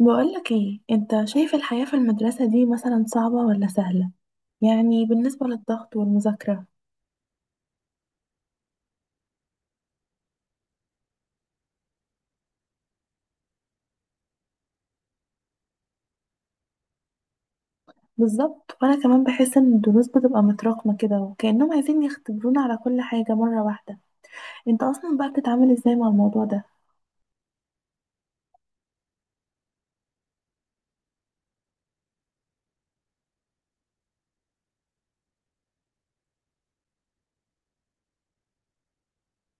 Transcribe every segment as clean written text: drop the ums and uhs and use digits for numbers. بقولك ايه، انت شايف الحياة في المدرسة دي مثلا صعبة ولا سهلة؟ يعني بالنسبة للضغط والمذاكرة. بالظبط، وانا كمان بحس ان الدروس بتبقى متراكمة كده، وكأنهم عايزين يختبرونا على كل حاجة مرة واحدة. انت اصلا بقى بتتعامل ازاي مع الموضوع ده؟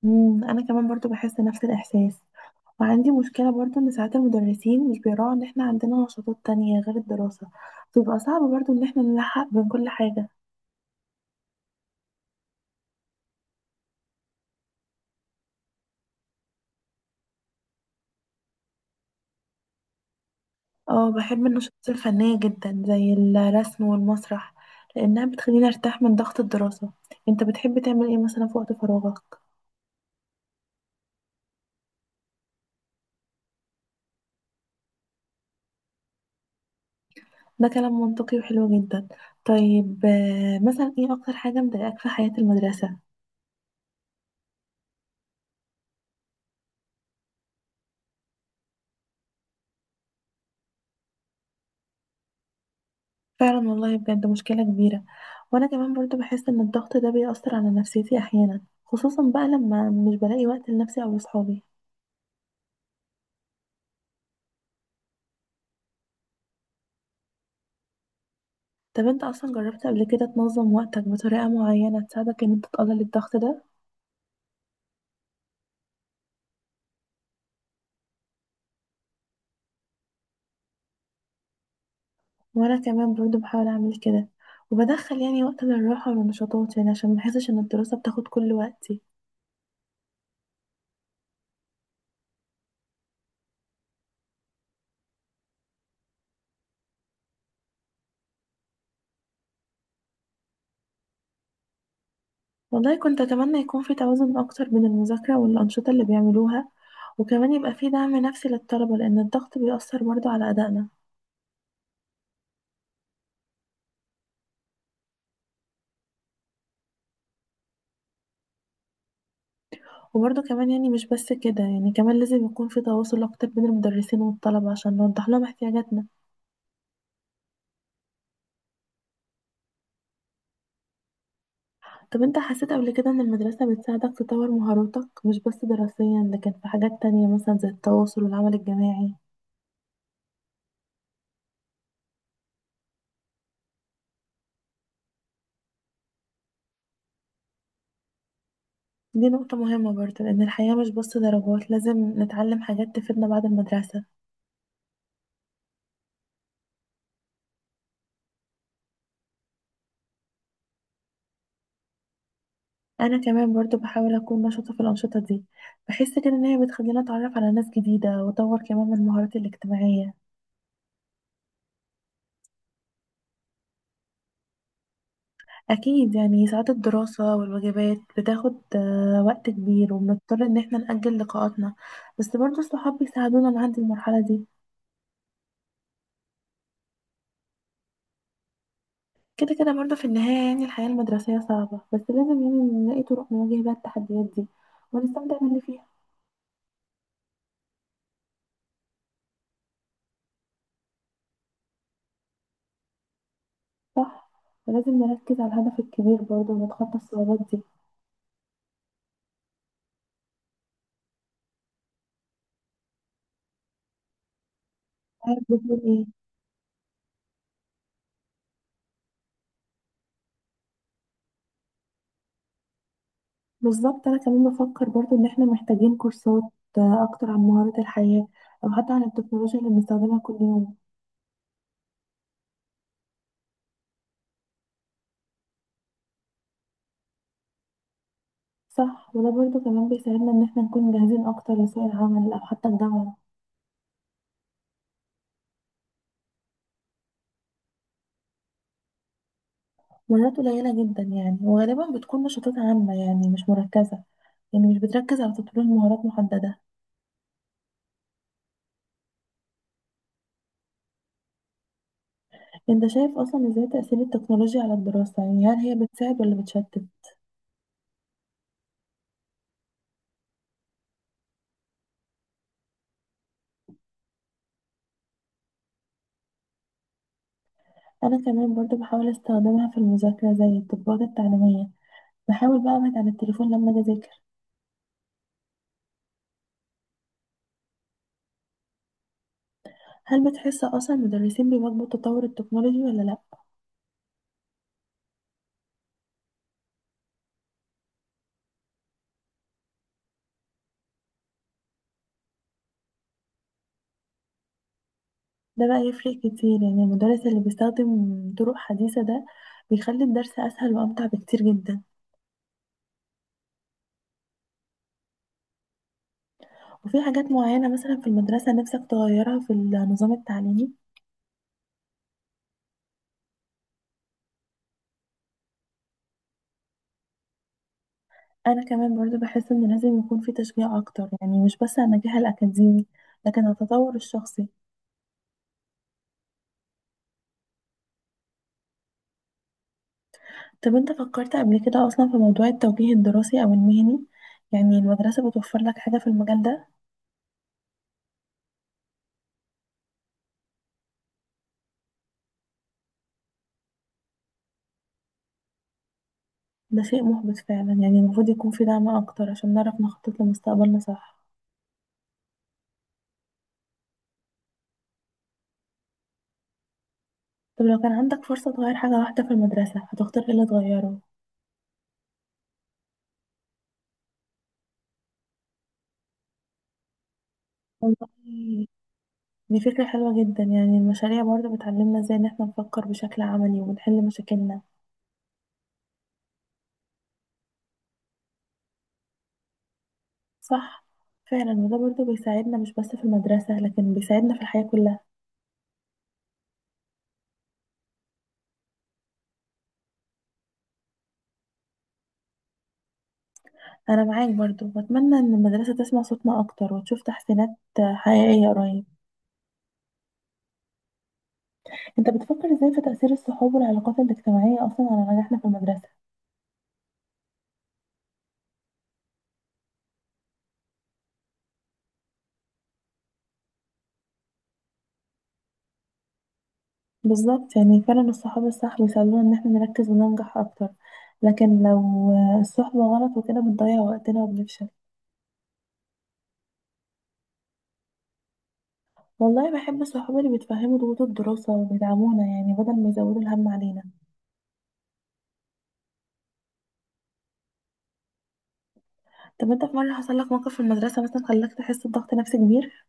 انا كمان برضو بحس نفس الاحساس، وعندي مشكلة برضو ان ساعات المدرسين مش بيراعوا ان احنا عندنا نشاطات تانية غير الدراسة. بيبقى صعب برضو ان احنا نلحق بين كل حاجة. اه، بحب النشاطات الفنية جدا زي الرسم والمسرح، لأنها بتخليني أرتاح من ضغط الدراسة. انت بتحب تعمل ايه مثلا في وقت فراغك؟ ده كلام منطقي وحلو جدا. طيب، مثلا ايه أكتر حاجة مضايقاك في حياة المدرسة؟ فعلا والله، بجد مشكلة كبيرة. وأنا كمان برضو بحس إن الضغط ده بيأثر على نفسيتي أحيانا، خصوصا بقى لما مش بلاقي وقت لنفسي أو لصحابي. طب انت أصلا جربت قبل كده تنظم وقتك بطريقة معينة تساعدك إن انت تقلل الضغط ده؟ وانا كمان برضو بحاول اعمل كده، وبدخل يعني وقت للراحة والنشاطات، يعني عشان ما احسش ان الدراسة بتاخد كل وقتي. والله كنت اتمنى يكون في توازن اكتر بين المذاكرة والانشطة اللي بيعملوها، وكمان يبقى في دعم نفسي للطلبة، لان الضغط بيأثر برضو على ادائنا. وبرضو كمان يعني مش بس كده، يعني كمان لازم يكون في تواصل اكتر بين المدرسين والطلبة عشان نوضح لهم احتياجاتنا. طب انت حسيت قبل كده ان المدرسة بتساعدك تطور مهاراتك، مش بس دراسيا لكن في حاجات تانية مثلا زي التواصل والعمل الجماعي؟ دي نقطة مهمة برضو، لأن الحياة مش بس درجات، لازم نتعلم حاجات تفيدنا بعد المدرسة. أنا كمان برضو بحاول أكون نشطة في الأنشطة دي. بحس كده إن هي بتخليني أتعرف على ناس جديدة وأطور كمان من مهاراتي الاجتماعية. أكيد يعني، ساعات الدراسة والواجبات بتاخد وقت كبير، وبنضطر إن احنا نأجل لقاءاتنا. بس برضو الصحاب بيساعدونا نعدي المرحلة دي. كده كده برضو في النهاية، يعني الحياة المدرسية صعبة، بس لازم يعني نلاقي طرق نواجه بيها التحديات دي، ونستمتع باللي فيها. صح، ولازم نركز على الهدف الكبير برضه ونتخطى الصعوبات دي. عارف بتقول ايه؟ بالظبط، انا كمان بفكر برضه ان احنا محتاجين كورسات اكتر عن مهارات الحياة، او حتى عن التكنولوجيا اللي بنستخدمها كل يوم. صح، وده برضه كمان بيساعدنا ان احنا نكون جاهزين اكتر لسوق العمل، او حتى الجامعة. مهارات قليلة جدا يعني، وغالبا بتكون نشاطات عامة، يعني مش مركزة. يعني مش بتركز على تطوير مهارات محددة. انت شايف اصلا ازاي تأثير التكنولوجيا على الدراسة؟ يعني هل هي بتساعد ولا بتشتت؟ انا كمان برضو بحاول استخدمها في المذاكره، زي التطبيقات التعليميه. بحاول بقى ابعد عن التليفون لما اجي اذاكر. هل بتحس اصلا المدرسين بيواكبوا تطور التكنولوجي ولا لا؟ ده بقى يفرق كتير، يعني المدرس اللي بيستخدم طرق حديثه ده بيخلي الدرس اسهل وامتع بكتير جدا. وفي حاجات معينه مثلا في المدرسه نفسك تغيرها في النظام التعليمي؟ انا كمان برضو بحس ان لازم يكون في تشجيع اكتر، يعني مش بس على النجاح الاكاديمي، لكن على التطور الشخصي. طب انت فكرت قبل كده اصلا في موضوع التوجيه الدراسي او المهني؟ يعني المدرسة بتوفر لك حاجة في المجال ده؟ ده شيء محبط فعلا، يعني المفروض يكون في دعم اكتر عشان نعرف نخطط لمستقبلنا صح. طب لو كان عندك فرصة تغير حاجة واحدة في المدرسة، هتختار ايه اللي تغيره؟ والله دي فكرة حلوة جدا، يعني المشاريع برضه بتعلمنا ازاي ان احنا نفكر بشكل عملي ونحل مشاكلنا. صح، فعلا، وده برضه بيساعدنا مش بس في المدرسة، لكن بيساعدنا في الحياة كلها. انا معاك برضو، واتمنى ان المدرسه تسمع صوتنا اكتر، وتشوف تحسينات حقيقيه قريب. انت بتفكر ازاي في تاثير الصحاب والعلاقات الاجتماعيه اصلا على نجاحنا في المدرسه؟ بالظبط، يعني فعلا الصحاب الصح بيساعدونا ان احنا نركز وننجح اكتر، لكن لو الصحبه غلط وكده بنضيع وقتنا وبنفشل. والله بحب الصحاب اللي بيتفهموا ضغوط الدراسه وبيدعمونا، يعني بدل ما يزودوا الهم علينا. طب انت في مره حصل لك موقف في المدرسه مثلا خلاك تحس بضغط نفسي كبير؟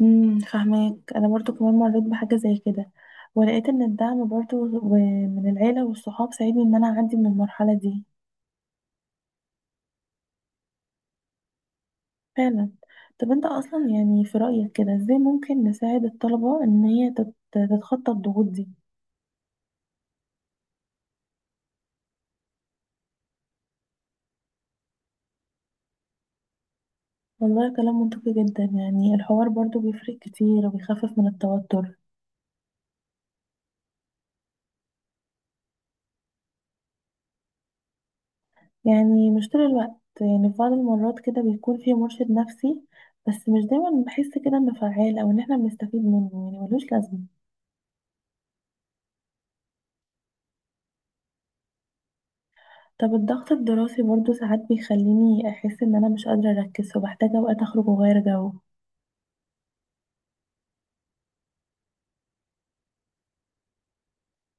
فاهمك، انا برضو كمان مريت بحاجه زي كده. ولقيت ان الدعم برضو من العيله والصحاب ساعدني ان انا اعدي من المرحله دي. فعلا. طب انت اصلا يعني في رايك كده ازاي ممكن نساعد الطلبه ان هي تتخطى الضغوط دي؟ والله كلام منطقي جدا، يعني الحوار برضو بيفرق كتير وبيخفف من التوتر. يعني مش طول الوقت، يعني في بعض المرات كده بيكون في مرشد نفسي، بس مش دايما بحس كده انه فعال، او ان احنا بنستفيد منه، يعني ملوش لازمه. طب الضغط الدراسي برضو ساعات بيخليني أحس إن أنا مش قادرة أركز، فبحتاج أوقات أخرج وأغير جو.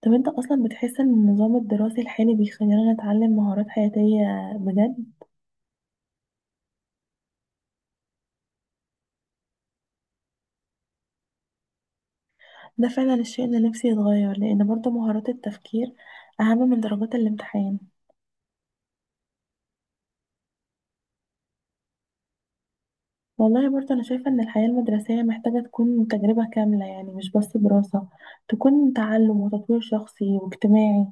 طب أنت أصلا بتحس إن النظام الدراسي الحالي بيخلينا نتعلم مهارات حياتية بجد؟ ده فعلا الشيء اللي نفسي يتغير، لأن برضو مهارات التفكير أهم من درجات الامتحان. والله برضو أنا شايفة إن الحياة المدرسية محتاجة تكون تجربة كاملة، يعني مش بس دراسة، تكون تعلم وتطوير شخصي واجتماعي.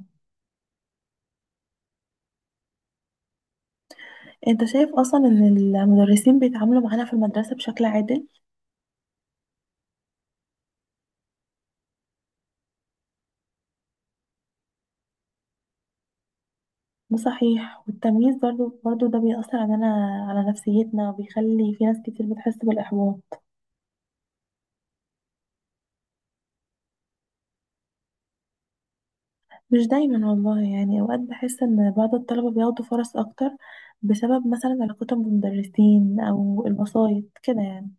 أنت شايف أصلا إن المدرسين بيتعاملوا معانا في المدرسة بشكل عادل؟ ده صحيح، والتمييز برضو ده بيأثر علينا، على نفسيتنا، وبيخلي في ناس كتير بتحس بالإحباط. مش دايما والله، يعني أوقات بحس إن بعض الطلبة بياخدوا فرص أكتر، بسبب مثلا علاقتهم بالمدرسين أو الوسايط كده يعني.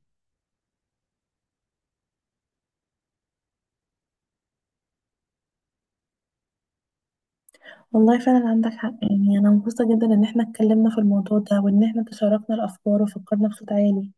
والله فعلا عندك حق، يعني أنا مبسوطة جدا إن احنا اتكلمنا في الموضوع ده، وإن احنا تشاركنا الأفكار وفكرنا بصوت عالي.